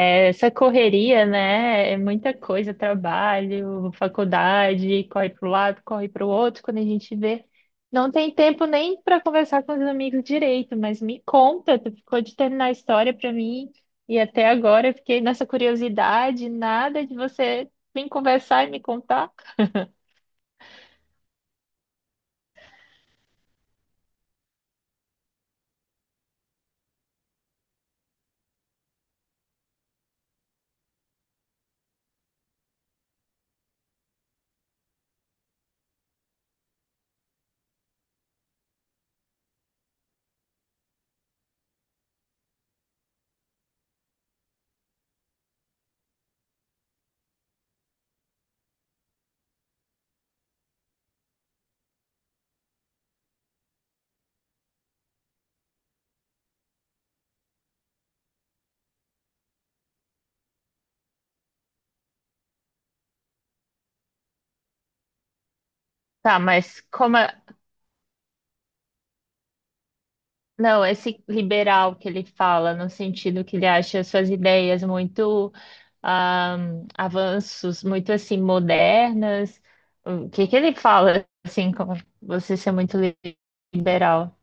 Essa correria, né? É muita coisa, trabalho, faculdade, corre para um lado, corre para o outro. Quando a gente vê, não tem tempo nem para conversar com os amigos direito. Mas me conta, tu ficou de terminar a história para mim e até agora eu fiquei nessa curiosidade, nada de você vir conversar e me contar. Tá, mas como? Não, esse liberal que ele fala, no sentido que ele acha suas ideias muito ah, avanços, muito assim, modernas. O que que ele fala, assim, como você ser muito liberal?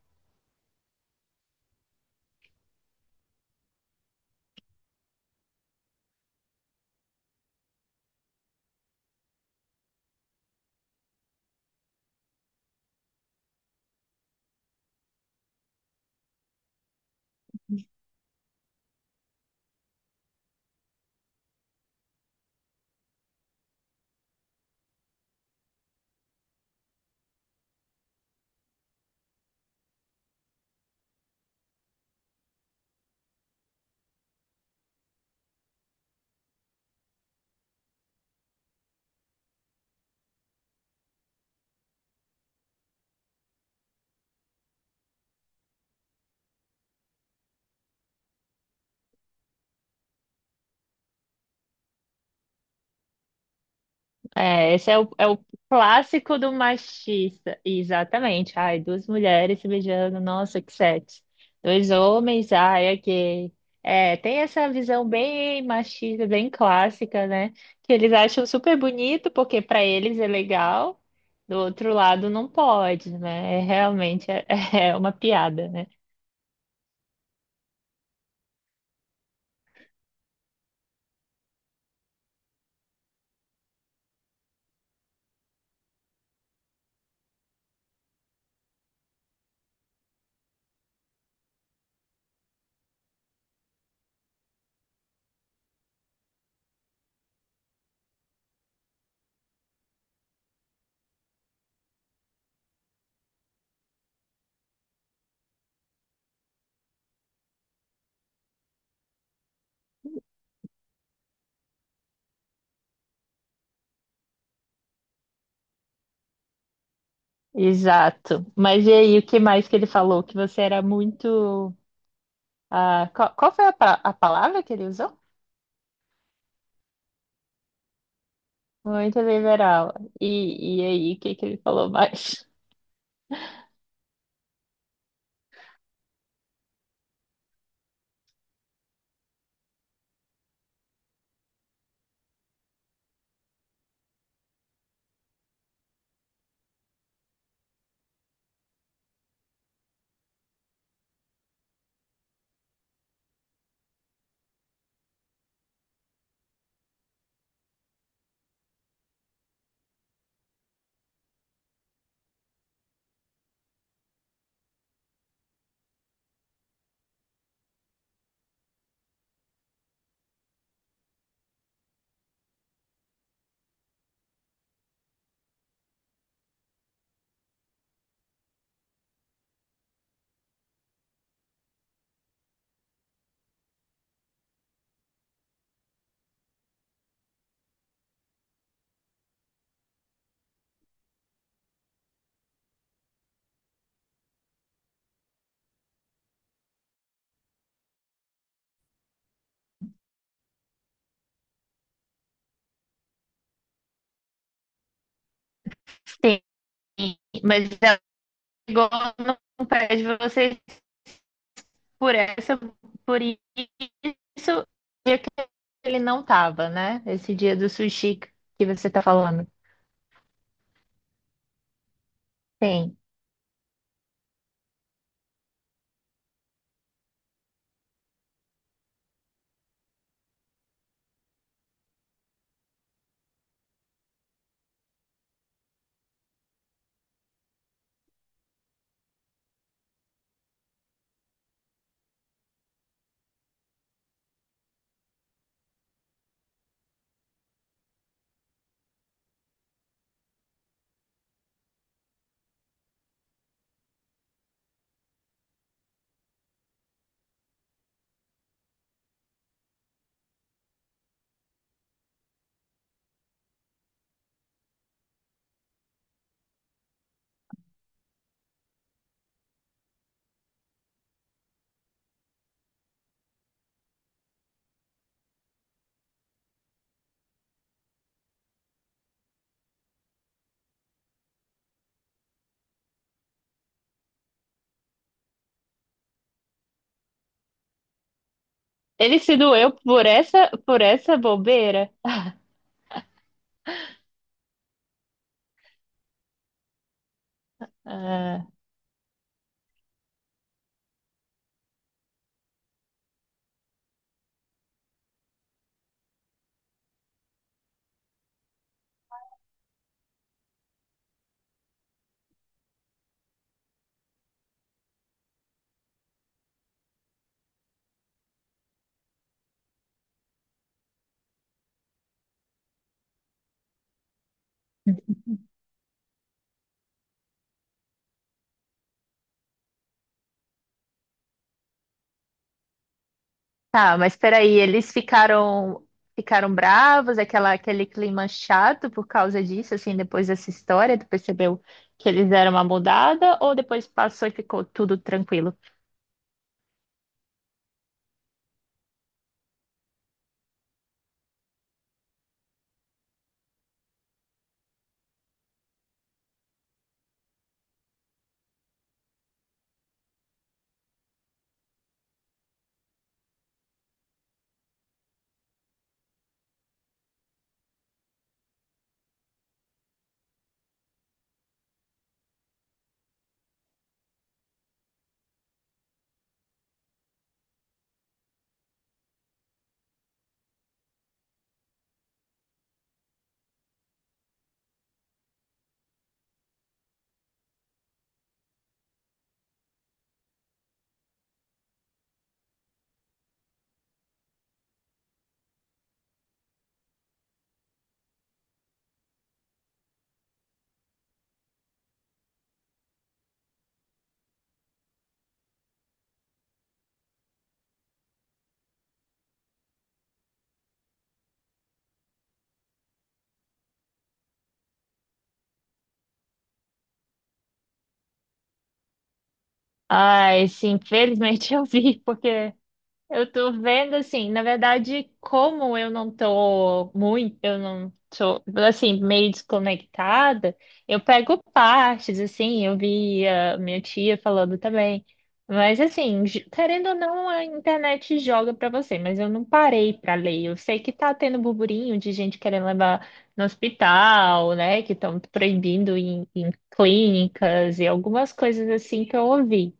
É, esse é o, é o clássico do machista. Exatamente. Ai, duas mulheres se beijando, nossa, que sexo. Dois homens, ai, é gay. É, tem essa visão bem machista, bem clássica, né? Que eles acham super bonito, porque para eles é legal, do outro lado não pode, né? É realmente é, é uma piada, né? Exato. Mas e aí, o que mais que ele falou? Que você era muito. Ah, qual, qual foi a, a palavra que ele usou? Muito liberal. E aí, o que que ele falou mais? Sim, mas ela chegou no pé de vocês por essa, por isso, dia que ele não tava, né? Esse dia do sushi que você tá falando. Sim. Ele se doeu por essa bobeira? Tá, mas peraí, eles ficaram ficaram bravos, aquela, aquele clima chato por causa disso, assim, depois dessa história, tu percebeu que eles deram uma mudada, ou depois passou e ficou tudo tranquilo? Ai, sim, infelizmente eu vi, porque eu tô vendo assim, na verdade, como eu não tô muito, eu não tô assim, meio desconectada, eu pego partes, assim, eu vi a minha tia falando também. Mas assim, querendo ou não, a internet joga pra você, mas eu não parei pra ler. Eu sei que tá tendo burburinho de gente querendo levar no hospital, né? Que estão proibindo em, em clínicas e algumas coisas assim que eu ouvi.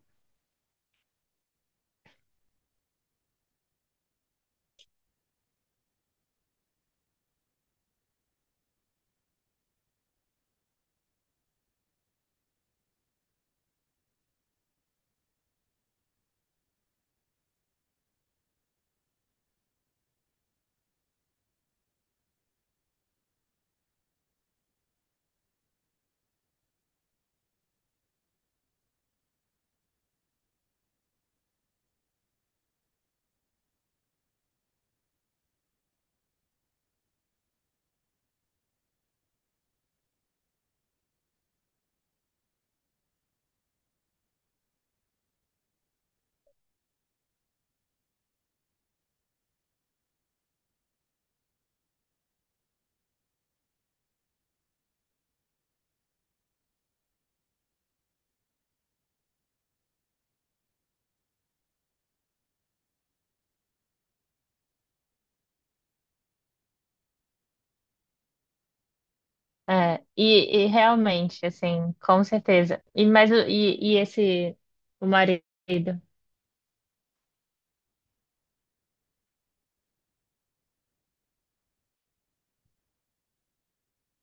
É, e realmente, assim, com certeza. E, mas, o- e esse, o marido?